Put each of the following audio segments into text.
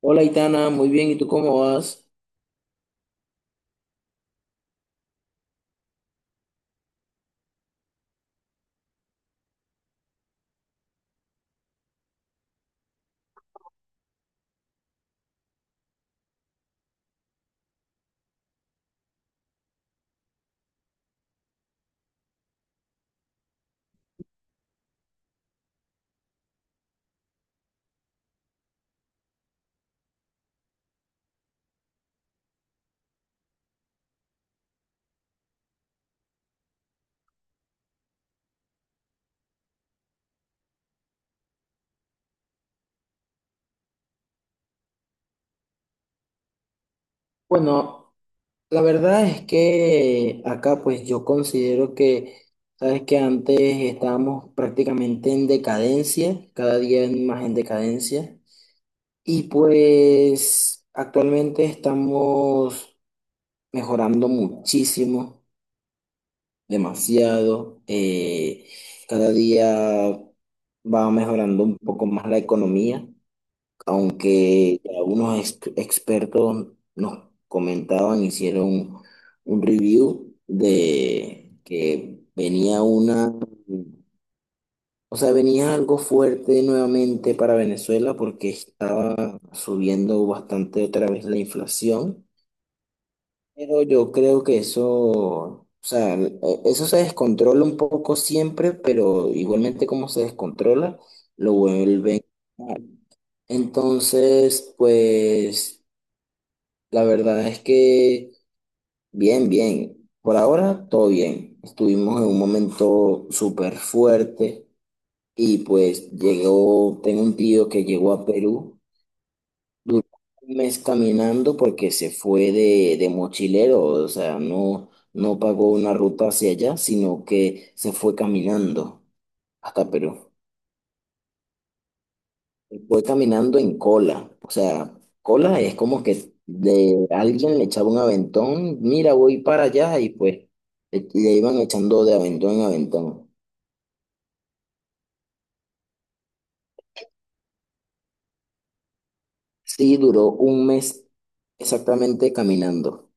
Hola, Itana, muy bien, ¿y tú cómo vas? Bueno, la verdad es que acá pues yo considero que, sabes que antes estábamos prácticamente en decadencia, cada día más en decadencia, y pues actualmente estamos mejorando muchísimo, demasiado, cada día va mejorando un poco más la economía. Aunque algunos expertos nos comentaban, hicieron un review de que venía una, o sea, venía algo fuerte nuevamente para Venezuela porque estaba subiendo bastante otra vez la inflación, pero yo creo que eso, o sea, eso se descontrola un poco siempre, pero igualmente como se descontrola, lo vuelven. a- Entonces, pues... La verdad es que bien, bien. Por ahora todo bien. Estuvimos en un momento súper fuerte y pues llegó, tengo un tío que llegó a Perú, duró un mes caminando porque se fue de mochilero, o sea, no pagó una ruta hacia allá, sino que se fue caminando hasta Perú. Fue caminando en cola. O sea, cola es como que de alguien le echaba un aventón, mira, voy para allá y pues le iban echando de aventón en aventón. Sí, duró un mes exactamente caminando.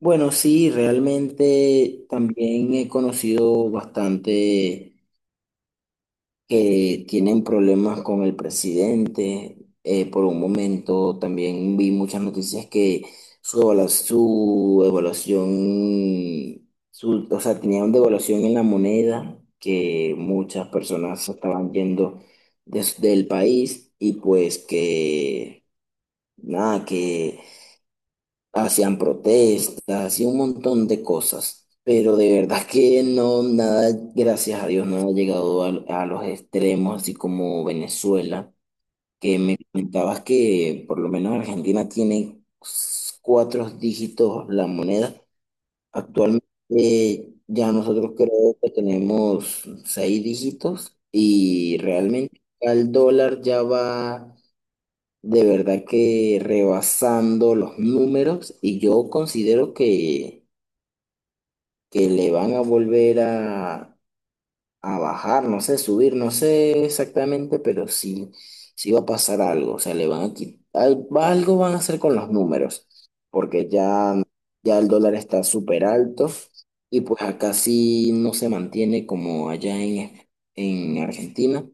Bueno, sí, realmente también he conocido bastante que tienen problemas con el presidente. Por un momento también vi muchas noticias que su evaluación, su, o sea, tenían devaluación en la moneda, que muchas personas se estaban yendo del país y pues que, nada, que hacían protestas y un montón de cosas, pero de verdad que no, nada, gracias a Dios, no ha llegado a los extremos, así como Venezuela, que me comentabas que por lo menos Argentina tiene cuatro dígitos la moneda. Actualmente ya nosotros creo que tenemos seis dígitos y realmente el dólar ya va. De verdad que rebasando los números y yo considero que le van a volver a bajar, no sé, subir, no sé exactamente, pero sí, sí va a pasar algo, o sea, le van a quitar, algo van a hacer con los números, porque ya, ya el dólar está súper alto y pues acá sí no se mantiene como allá en Argentina,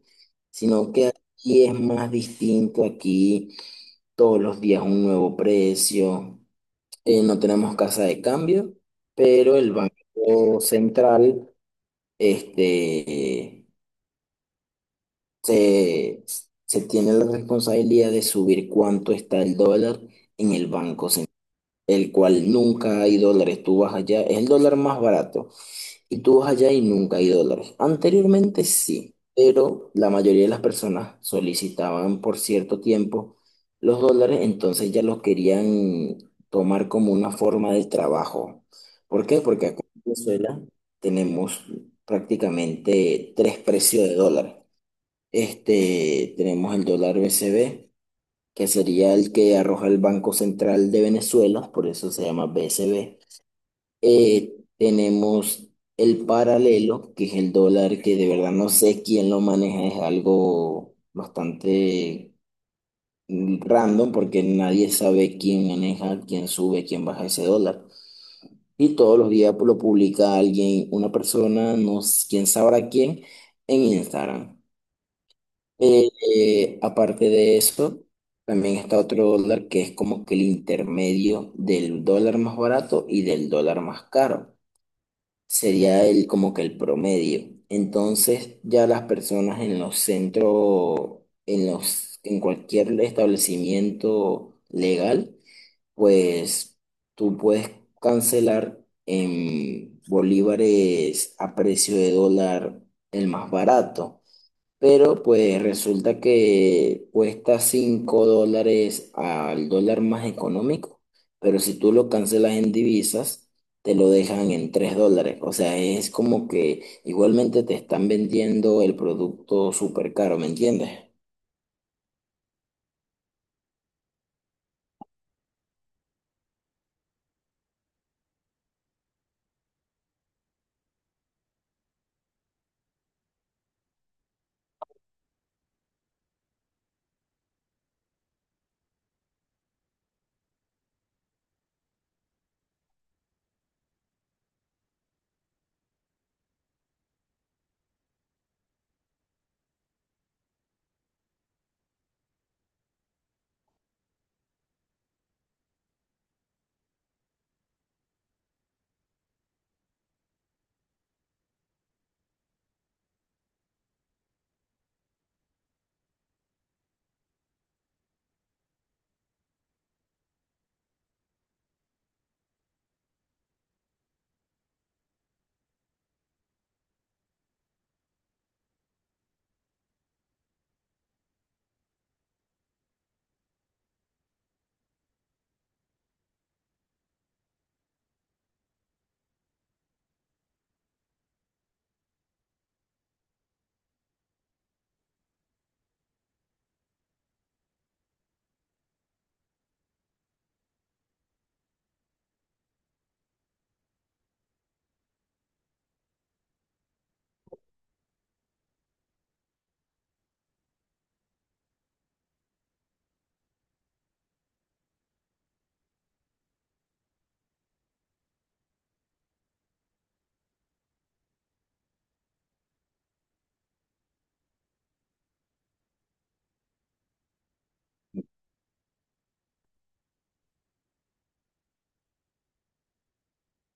sino que aquí es más distinto, aquí todos los días un nuevo precio. No tenemos casa de cambio, pero el Banco Central este, se, se tiene la responsabilidad de subir cuánto está el dólar en el Banco Central, el cual nunca hay dólares. Tú vas allá, es el dólar más barato. Y tú vas allá y nunca hay dólares. Anteriormente sí, pero la mayoría de las personas solicitaban por cierto tiempo los dólares, entonces ya los querían tomar como una forma de trabajo. ¿Por qué? Porque acá en Venezuela tenemos prácticamente tres precios de dólar. Este, tenemos el dólar BCB, que sería el que arroja el Banco Central de Venezuela, por eso se llama BCB. Tenemos el paralelo, que es el dólar, que de verdad no sé quién lo maneja, es algo bastante random porque nadie sabe quién maneja, quién sube, quién baja ese dólar. Y todos los días lo publica alguien, una persona, no s- quién sabrá quién, en Instagram. Eh, Aparte de eso, también está otro dólar que es como que el intermedio del dólar más barato y del dólar más caro. Sería el, como que, el promedio. Entonces, ya las personas en los centros, en cualquier establecimiento legal, pues tú puedes cancelar en bolívares a precio de dólar el más barato. Pero pues resulta que cuesta 5 dólares al dólar más económico, pero si tú lo cancelas en divisas, te lo dejan en 3 dólares. O sea, es como que igualmente te están vendiendo el producto súper caro, ¿me entiendes?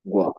Guau.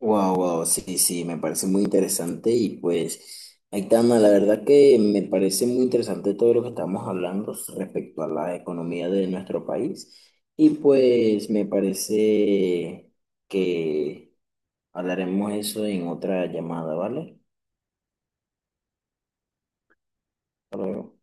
Wow, wow, sí, sí, me parece muy interesante y pues, Aitana, la verdad que me parece muy interesante todo lo que estamos hablando respecto a la economía de nuestro país y pues me parece que hablaremos eso en otra llamada, ¿vale? Hasta luego.